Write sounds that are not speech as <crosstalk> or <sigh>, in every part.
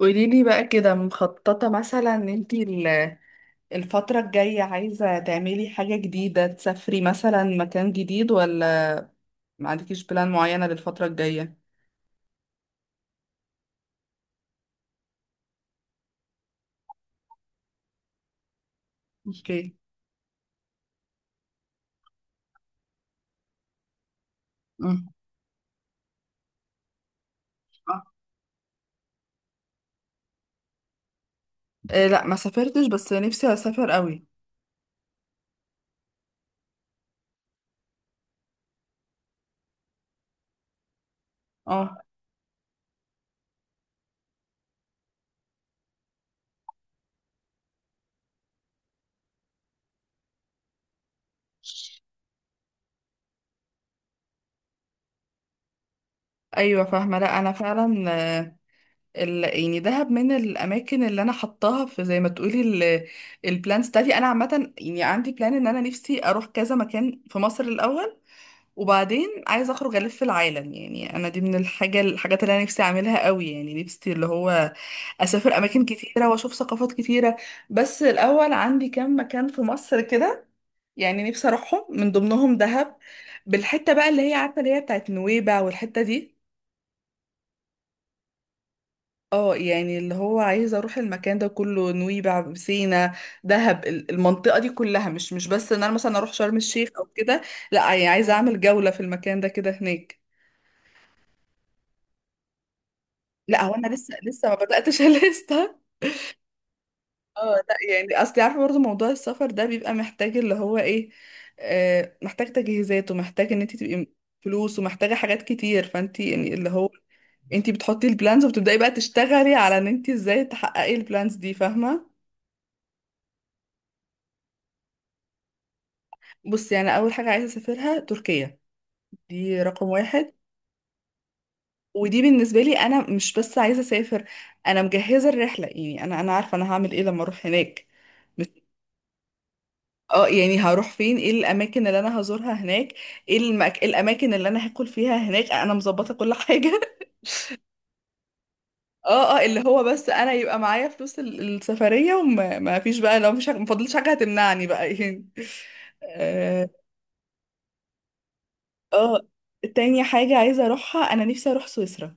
قوليلي بقى كده مخططة مثلا ان انتي الفترة الجاية عايزة تعملي حاجة جديدة، تسافري مثلا مكان جديد ولا ما عندكيش بلان معينة للفترة الجاية؟ اوكي. امم. آه. إيه، لا ما سافرتش بس نفسي اسافر قوي. اه، ايوه فاهمة. لا انا فعلا آه، يعني دهب من الاماكن اللي انا حطاها في زي ما تقولي البلان ستادي. انا عامة يعني عندي بلان ان انا نفسي اروح كذا مكان في مصر الاول، وبعدين عايزه اخرج الف العالم، يعني انا دي من الحاجات اللي انا نفسي اعملها قوي، يعني نفسي اللي هو اسافر اماكن كتيره واشوف ثقافات كتيره. بس الاول عندي كام مكان في مصر كده، يعني نفسي اروحهم، من ضمنهم دهب، بالحته بقى اللي هي عارفه، اللي هي بتاعت نويبع والحته دي. اه، يعني اللي هو عايزه اروح المكان ده كله، نويبع، سينا، دهب، المنطقه دي كلها. مش بس ان انا مثلا اروح شرم الشيخ او كده، لا يعني عايزه اعمل جوله في المكان ده كده هناك. لا هو انا لسه ما بداتش <laughs> لسه. اه لا يعني اصل عارفه برضه موضوع السفر ده بيبقى محتاج اللي هو ايه، محتاج تجهيزات ومحتاج ان انت تبقي فلوس ومحتاجه حاجات كتير. فانت يعني اللي هو انت بتحطي البلانز وبتبداي بقى تشتغلي على ان انت ازاي تحققي البلانز دي، فاهمه؟ بصي انا اول حاجه عايزه اسافرها تركيا، دي رقم واحد. ودي بالنسبه لي انا مش بس عايزه اسافر، انا مجهزه الرحله، يعني انا عارفه انا هعمل ايه لما اروح هناك. اه يعني هروح فين، ايه الاماكن اللي انا هزورها هناك، ايه إيه الاماكن اللي انا هاكل فيها هناك، انا مظبطه كل حاجه <laughs> اه اه اللي هو بس انا يبقى معايا فلوس السفريه وما ما فيش بقى، لو مش ما فاضلش حاجه هتمنعني بقى <laughs> يعني. اه. آه. تاني حاجه عايزه اروحها، انا نفسي اروح سويسرا.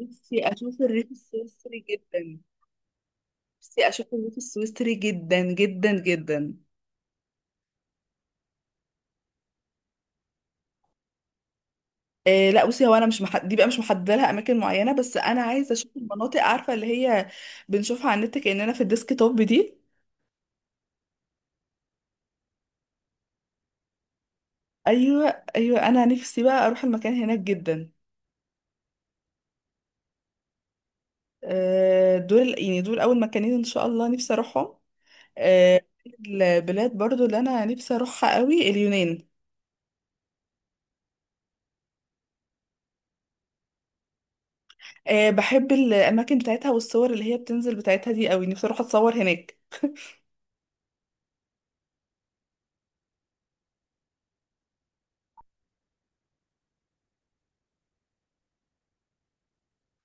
نفسي اشوف الريف السويسري جدا. نفسي اشوف الريف السويسري جدا جدا جدا. إيه، لا بصي هو انا مش محد... دي بقى مش محدده لها اماكن معينه، بس انا عايزه اشوف المناطق عارفه اللي هي بنشوفها على النت كاننا في الديسك توب دي. ايوه ايوه، انا نفسي بقى اروح المكان هناك جدا. دول يعني دول اول مكانين ان شاء الله نفسي اروحهم. آه، البلاد برضو اللي انا نفسي اروحها قوي اليونان. بحب الاماكن بتاعتها والصور اللي هي بتنزل بتاعتها دي قوي، نفسي اروح اتصور هناك.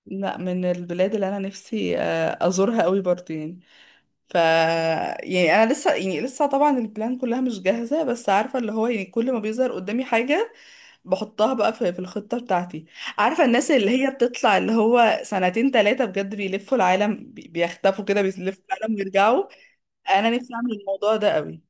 لا من البلاد اللي انا نفسي ازورها قوي برضو يعني. ف يعني انا لسه، يعني لسه طبعا البلان كلها مش جاهزه، بس عارفه اللي هو يعني كل ما بيظهر قدامي حاجه بحطها بقى في الخطه بتاعتي. عارفه الناس اللي هي بتطلع اللي هو سنتين ثلاثه بجد بيلفوا العالم، بيختفوا كده بيلفوا العالم ويرجعوا. انا نفسي اعمل الموضوع ده قوي.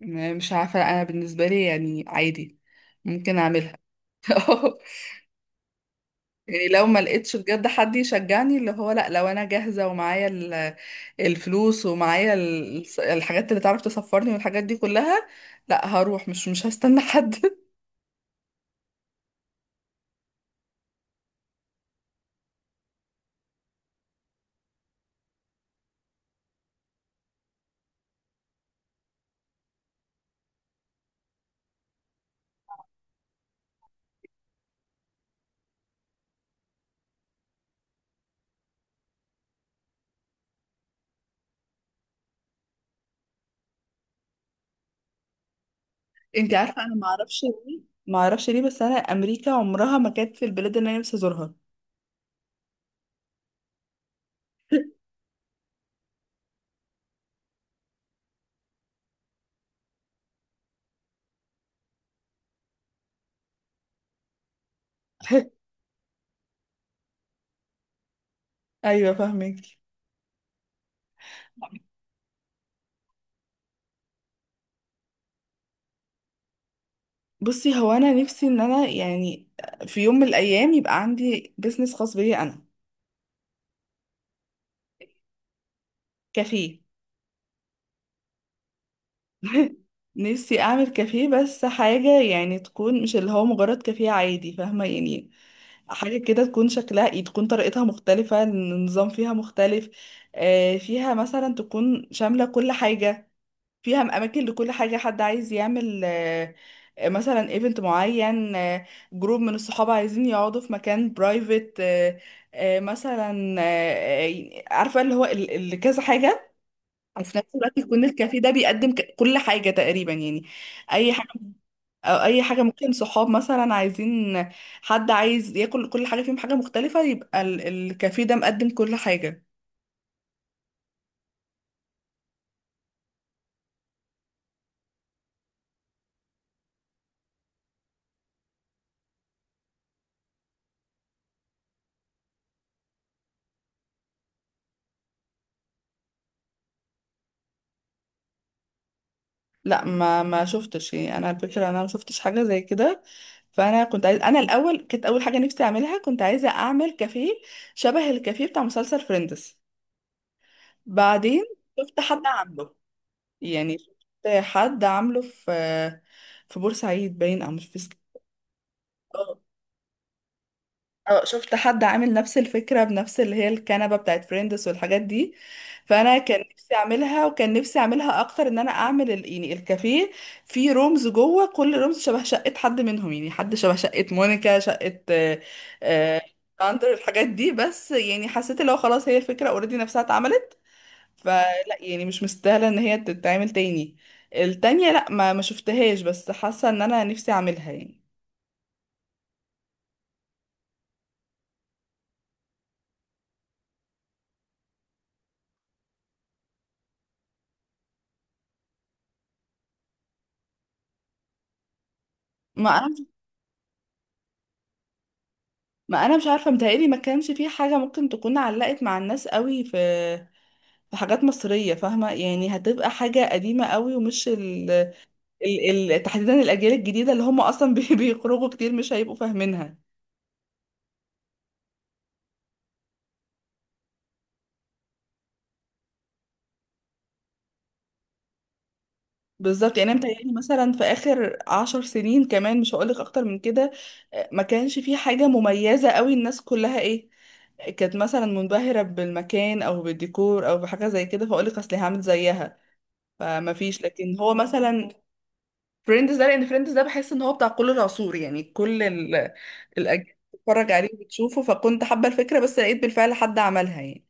مش عارفه، انا بالنسبه لي يعني عادي ممكن اعملها <laughs> يعني. لو ما لقيتش بجد حد يشجعني اللي هو لا، لو انا جاهزة ومعايا الفلوس ومعايا الحاجات اللي تعرف تسفرني والحاجات دي كلها، لا هروح، مش هستنى حد <laughs> انت عارفة انا ما اعرفش، ما اعرفش ليه بس انا امريكا عمرها ما كانت في البلاد اللي انا نفسي ازورها. <laughs> ايوه فاهمك. بصي هو انا نفسي ان انا يعني في يوم من الايام يبقى عندي بيزنس خاص بيا انا. كافيه <laughs> نفسي اعمل كافيه بس حاجة يعني تكون مش اللي هو مجرد كافيه عادي، فاهمة؟ يعني حاجة كده تكون شكلها إيه، تكون طريقتها مختلفة، النظام فيها مختلف، فيها مثلا تكون شاملة كل حاجة، فيها اماكن لكل حاجة. حد عايز يعمل مثلا ايفنت معين، جروب من الصحاب عايزين يقعدوا في مكان برايفت مثلا، عارفة اللي هو اللي كذا حاجة. وفي نفس الوقت يكون الكافيه ده بيقدم كل حاجة تقريبا يعني، أي حاجة. أو أي حاجة، ممكن صحاب مثلا عايزين، حد عايز ياكل كل حاجة فيهم حاجة مختلفة، يبقى الكافيه ده مقدم كل حاجة. لا ما شفتش، يعني أنا الفكرة أنا ما شفتش حاجة زي كده. فأنا كنت عايز، أنا الأول كانت أول حاجة نفسي أعملها كنت عايزة أعمل كافيه شبه الكافيه بتاع مسلسل فريندز. بعدين شفت حد عامله، يعني شفت حد عامله في في بورسعيد باين، أو مش في آه. اه شفت حد عامل نفس الفكرة بنفس اللي هي الكنبة بتاعت فريندس والحاجات دي. فأنا كان نفسي أعملها، وكان نفسي أعملها أكتر إن أنا أعمل يعني الكافيه فيه رومز جوه، كل رومز شبه شقة حد منهم، يعني حد شبه شقة مونيكا، شقة آه، ساندر، الحاجات دي. بس يعني حسيت اللي هو خلاص هي الفكرة اوريدي نفسها اتعملت، فلا يعني مش مستاهلة إن هي تتعمل تاني. التانية لا ما شفتهاش بس حاسة إن أنا نفسي أعملها يعني. ما ما انا مش عارفه، متهيألي ما كانش في حاجه ممكن تكون علقت مع الناس قوي في في حاجات مصريه، فاهمه؟ يعني هتبقى حاجه قديمه قوي ومش تحديدا الاجيال الجديده اللي هم اصلا <laughs> بيخرجوا كتير مش هيبقوا فاهمينها. بالظبط. يعني انا متهيألي مثلا في اخر عشر سنين كمان مش هقولك اكتر من كده، ما كانش في حاجه مميزه قوي، الناس كلها ايه كانت مثلا منبهرة بالمكان أو بالديكور أو بحاجة زي كده فأقولك أصل هعمل زيها، فما فيش. لكن هو مثلا فريندز ده، لان فريندز ده بحس ان هو بتاع كل العصور، يعني كل الاجيال بتتفرج عليه وبتشوفه، فكنت حابه الفكره بس لقيت بالفعل حد عملها يعني.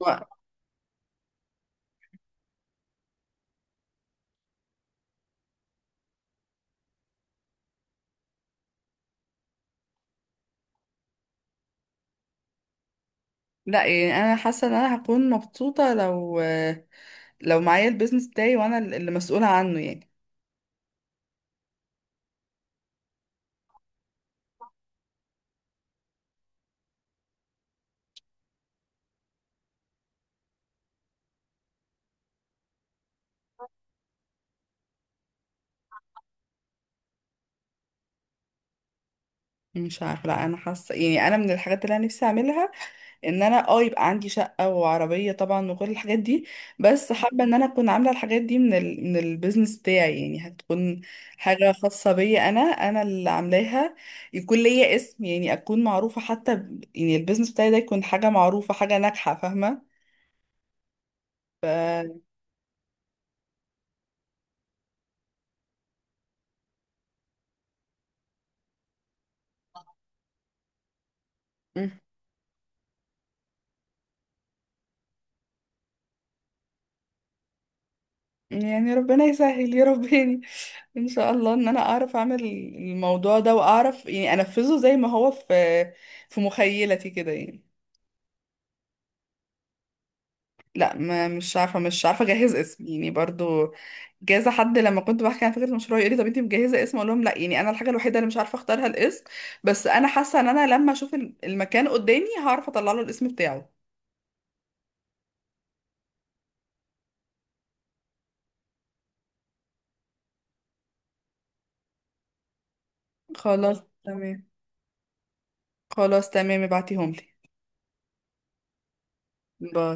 و- لا يعني انا حاسه ان انا هكون مبسوطه لو معايا البيزنس بتاعي وانا اللي مسؤوله عنه يعني. مش عارفه، لا انا حاسه يعني انا من الحاجات اللي انا نفسي اعملها ان انا يبقى عندي شقة وعربية طبعا وكل الحاجات دي، بس حابة ان انا اكون عاملة الحاجات دي من من البيزنس بتاعي، يعني هتكون حاجة خاصة بيا، انا اللي عاملاها، يكون ليا اسم. يعني اكون معروفة حتى يعني البيزنس بتاعي ده يكون حاجة معروفة، حاجة ناجحة، فاهمة؟ ف مم. يعني ربنا يسهل يا رباني <laughs> ان شاء الله ان انا اعرف اعمل الموضوع ده واعرف يعني انفذه زي ما هو في في مخيلتي كده يعني. لا ما مش عارفه، مش عارفه اجهز اسم يعني برضو. جاز حد لما كنت بحكي عن فكره المشروع يقول لي طب انت مجهزه اسم، اقول لهم لا. يعني انا الحاجه الوحيده اللي مش عارفه اختارها الاسم، بس انا حاسه ان انا لما اشوف المكان قدامي هعرف اطلع له الاسم بتاعه. خلاص تمام. خلاص تمام، ابعتيهم لي. باي.